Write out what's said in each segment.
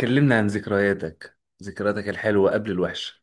كلمنا عن ذكرياتك الحلوة قبل الوحشة.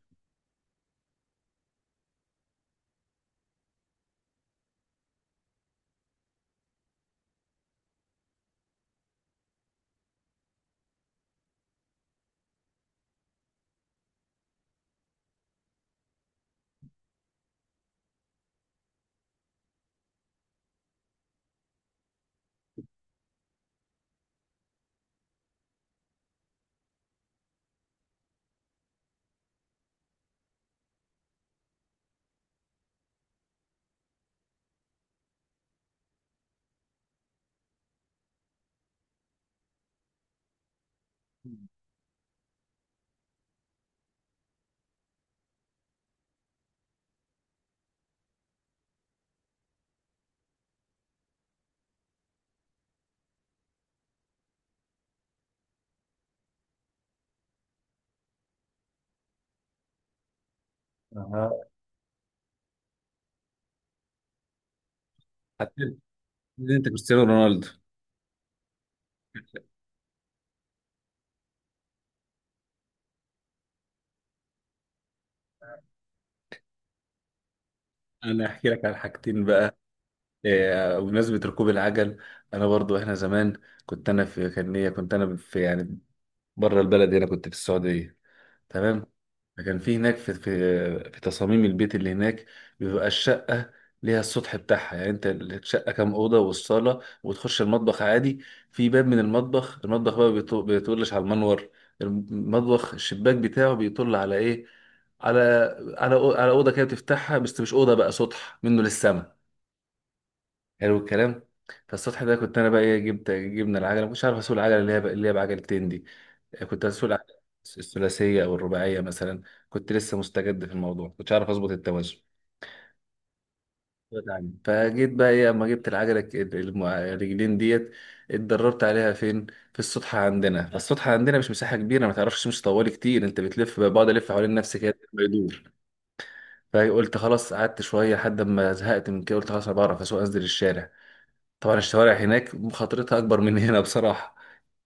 أها. حتى إن انت كريستيانو رونالدو. انا احكي لك عن حاجتين بقى. إيه، بمناسبة ركوب العجل انا برضو، احنا زمان كنت انا في يعني بره البلد، هنا كنت في السعودية، تمام. فكان في هناك في في تصاميم البيت اللي هناك بيبقى الشقة ليها السطح بتاعها. يعني انت الشقة كام أوضة والصالة، وتخش المطبخ عادي. في باب من المطبخ، المطبخ بقى بيطلش على المنور. المطبخ الشباك بتاعه بيطل على ايه، على، على أوضة كده بتفتحها، بس مش أوضة بقى، سطح منه للسما. حلو الكلام. فالسطح ده كنت انا بقى ايه، جبنا العجله، مش عارف اسوق العجله اللي هي اللي هي بعجلتين دي. كنت هسوق الأح- الثلاثية أو الرباعية مثلا. كنت لسه مستجد في الموضوع، كنتش عارف أظبط التوازن. نعم. فجيت بقى إيه، أما جبت العجلة الرجلين ديت. اتدربت عليها فين؟ في السطحة عندنا. السطحة عندنا مش مساحة كبيرة، ما تعرفش تمشي طوالي كتير، أنت بتلف، بقعد ألف حوالين نفسي كده ما يدور. فقلت خلاص، قعدت شوية لحد ما زهقت من كده، قلت خلاص أنا بعرف أسوق، أنزل الشارع. طبعا الشوارع هناك مخاطرتها أكبر من هنا بصراحة.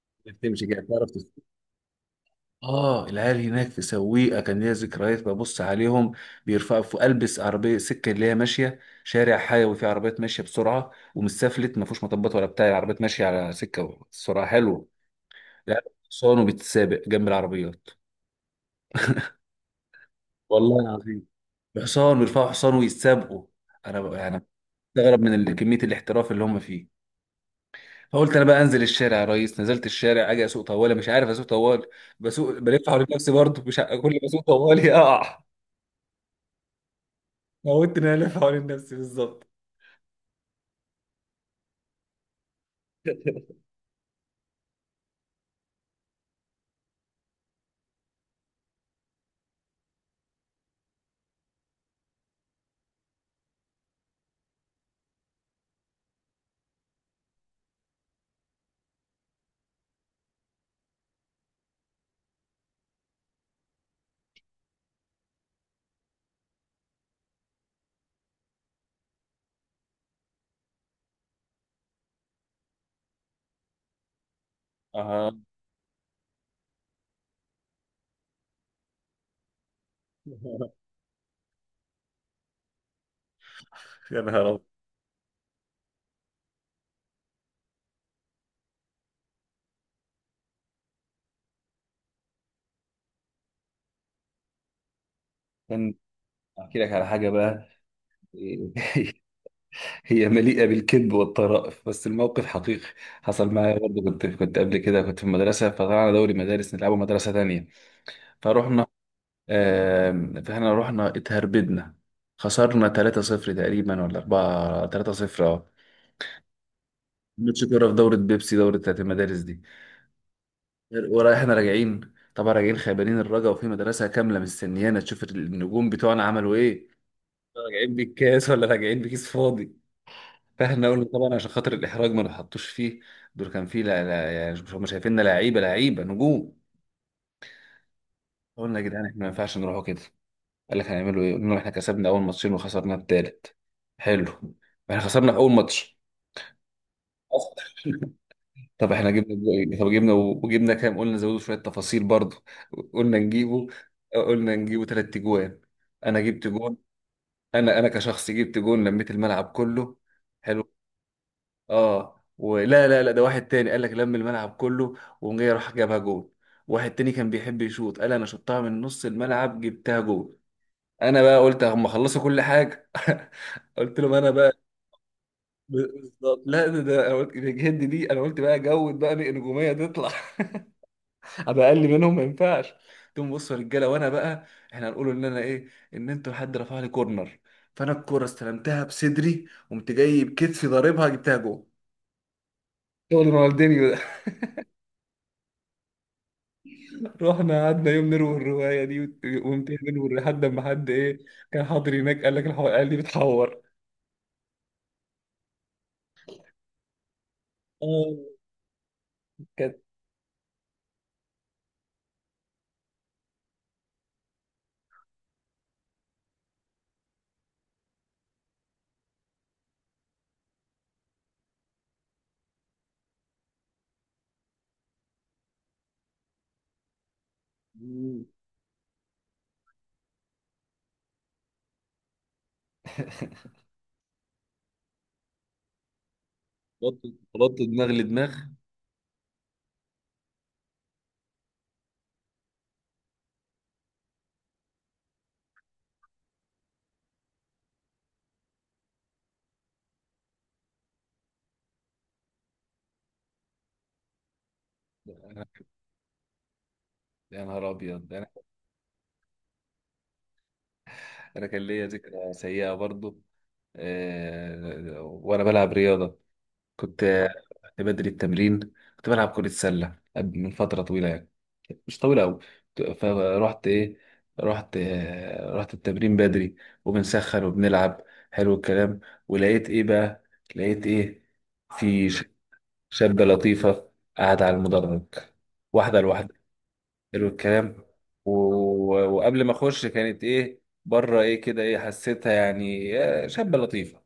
بتمشي كده تعرف. اه، العيال هناك في سويقة كان ليا ذكريات ببص عليهم، بيرفعوا في البس عربية سكة اللي هي ماشية، شارع حيوي فيه عربيات ماشية بسرعة ومستفلت، ما فيهوش مطبات ولا بتاع، العربيات ماشية على سكة سرعة حلوة. العيال حصان وبتتسابق جنب العربيات. والله العظيم. بحصان، بيرفعوا حصان ويتسابقوا. انا بقى يعني بستغرب من كمية الاحتراف اللي هم فيه. فقلت انا بقى انزل الشارع يا ريس، نزلت الشارع اجي اسوق طوالي، مش عارف اسوق طوالي. بسوق بلف حوالين نفسي برضه، مش ع- كل ما اسوق طوالي اقع. موتني انا الف حوالين نفسي بالظبط. اه. يا نهار ابيض. كان احكي لك على حاجه بقى. هي مليئه بالكذب والطرائف بس الموقف حقيقي. حصل معايا برضه، كنت قبل كده كنت في المدرسه، فطلعنا دوري مدارس نلعبه مدرسه تانية فروحنا. آم، فاحنا رحنا اتهربدنا، خسرنا 3-0 تقريبا، ولا 4 3-0، اه. ماتش كوره في دوره بيبسي، دوره بتاعت المدارس دي. ورايحنا راجعين، طبعا راجعين خيبانين الرجا، وفي مدرسة كاملة مستنيانا تشوف النجوم بتوعنا عملوا ايه. راجعين بالكاس ولا راجعين بكيس فاضي. فاحنا قلنا طبعا عشان خاطر الإحراج ما نحطوش فيه. دول كان فيه، لا لا، يعني مش هم شايفيننا لعيبة، لعيبة نجوم. قلنا يا جدعان احنا ما ينفعش نروحوا كده. قال لك هنعملوا ايه، قلنا لهم احنا كسبنا أول ماتشين وخسرنا التالت. حلو. احنا خسرنا أول ماتش. طب احنا جبنا بقى- طب جبنا وجبنا كام، قلنا زودوا شويه تفاصيل برضه. قلنا نجيبه، قلنا نجيبه ثلاث تجوان. انا جبت جون. انا كشخص جبت جون لميت الملعب كله. حلو. اه، ولا لا لا، ده واحد تاني قال لك لم الملعب كله. وقام جاي راح جابها جون. واحد تاني كان بيحب يشوط قال انا شطها من نص الملعب جبتها جون. انا بقى قلت اما خلصوا كل حاجه قلت لهم انا بقى بالظبط. لا ده ده انا قلت الهند دي، انا قلت بقى جود بقى نجوميه تطلع. ابقى اقل منهم ما ينفعش. تقوم بص يا رجاله، وانا بقى احنا هنقول ان انا ايه، ان انتوا حد رفع لي كورنر، فانا الكوره استلمتها بصدري قمت جاي بكتفي ضاربها جبتها جول. شغل رونالدينيو ده. رحنا قعدنا يوم نروي الروايه دي وقمت نروي لحد ما حد ايه كان حاضر هناك قال لك الحو... قال لي بتحور. آه، كانت. مم. بط، بط دماغ لدماغ. أنا-. يا نهار ابيض. انا انا كان ليا ذكرى سيئه برضو. آه، وانا بلعب رياضه، كنت كنت بدري التمرين. كنت بلعب كرة سلة، من فترة طويلة يعني، مش طويلة أوي. فرحت إيه، رحت آه، رحت التمرين بدري، وبنسخن وبنلعب. حلو الكلام. ولقيت إيه بقى، لقيت إيه، في ش- شابة لطيفة قاعدة على المدرج، واحدة لواحدة. حلو الكلام. و... وقبل ما أخش كانت إيه بره إيه كده إيه حسيتها يعني، آه، شابة لطيفة،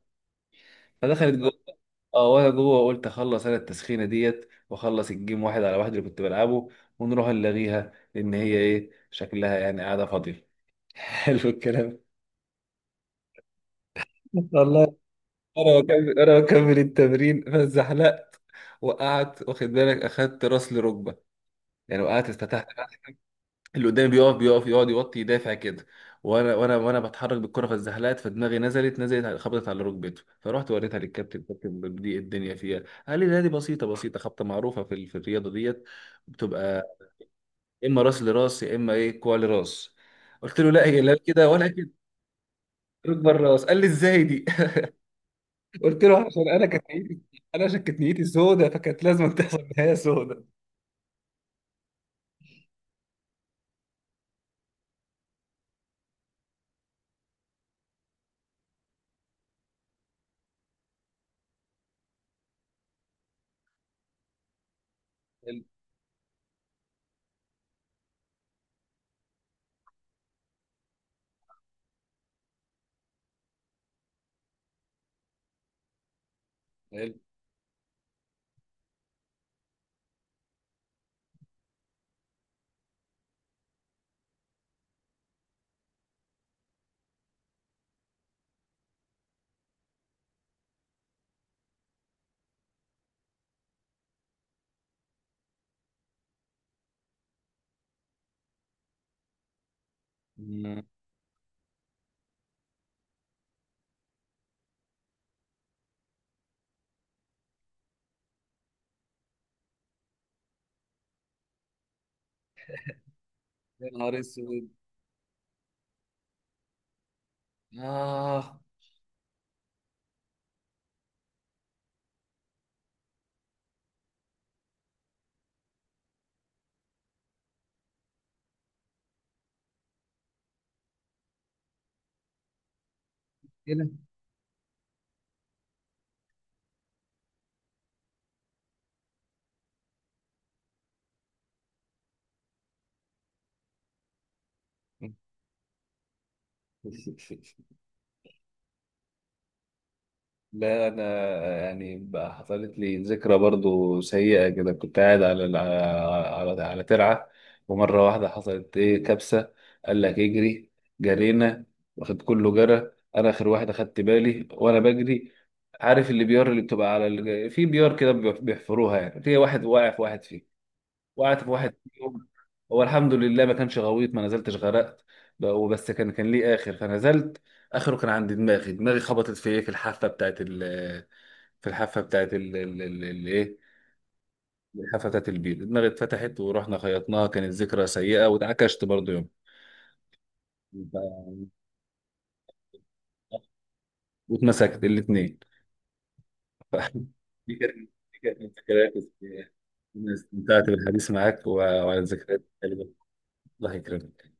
فدخلت جوه. اه، وانا جوه قلت اخلص انا التسخينه ديت واخلص الجيم واحد على واحد اللي كنت بلعبه، ونروح نلاغيها لان هي ايه شكلها يعني قاعده فاضيه. حلو الكلام. والله. انا بكمل التمرين، فزحلقت، وقعت، واخد بالك، اخدت راس لركبه يعني، وقعت اتفتحت. اللي قدامي بيقف، يقعد يوطي يدافع كده، وانا بتحرك بالكره فاتزحلقت، فدماغي خبطت على ركبته. فرحت وريتها للكابتن، الكابتن دي الدنيا فيها. قال لي لا دي بسيطه، بسيطه، خبطه معروفه في الرياضه ديت، بتبقى اما راس لراس، يا اما ايه كوع لراس. قلت له لا هي لا كده ولا كده، ركبه الراس. قال لي ازاي دي؟ قلت له عشان انا كانت نيتي، عشان كانت نيتي سودة فكانت لازم تحصل نهايه سودة. حلو. حلو. يا نهار اسود. اه. هنا. لا انا يعني بقى حصلت لي ذكرى برضو سيئه كده، كنت قاعد على على ترعه، ومره واحده حصلت ايه كبسه. قال لك اجري، جرينا، واخد كله جرى، انا اخر واحد اخدت بالي وانا بجري. عارف اللي بيار، اللي بتبقى على ال... في بيار كده بيحفروها يعني، في واحد واقع في واحد فيه. وقعت في واحد فيهم. هو الحمد لله ما كانش غويط ما نزلتش غرقت. وبس كان كان ليه اخر فنزلت، اخره كان عند دماغي. دماغي خبطت في ايه، في الحافه بتاعت ال، في الحافه بتاعت ايه، الحافه بتاعت البير، دماغي اتفتحت، ورحنا خيطناها. كانت ذكرى سيئه، واتعكشت برضه يوم. ف- واتمسكت الاثنين. دي كانت، دي كانت من ذكريات. استمتعت بالحديث معاك، وعلى الذكريات الحلوة. الله يكرمك.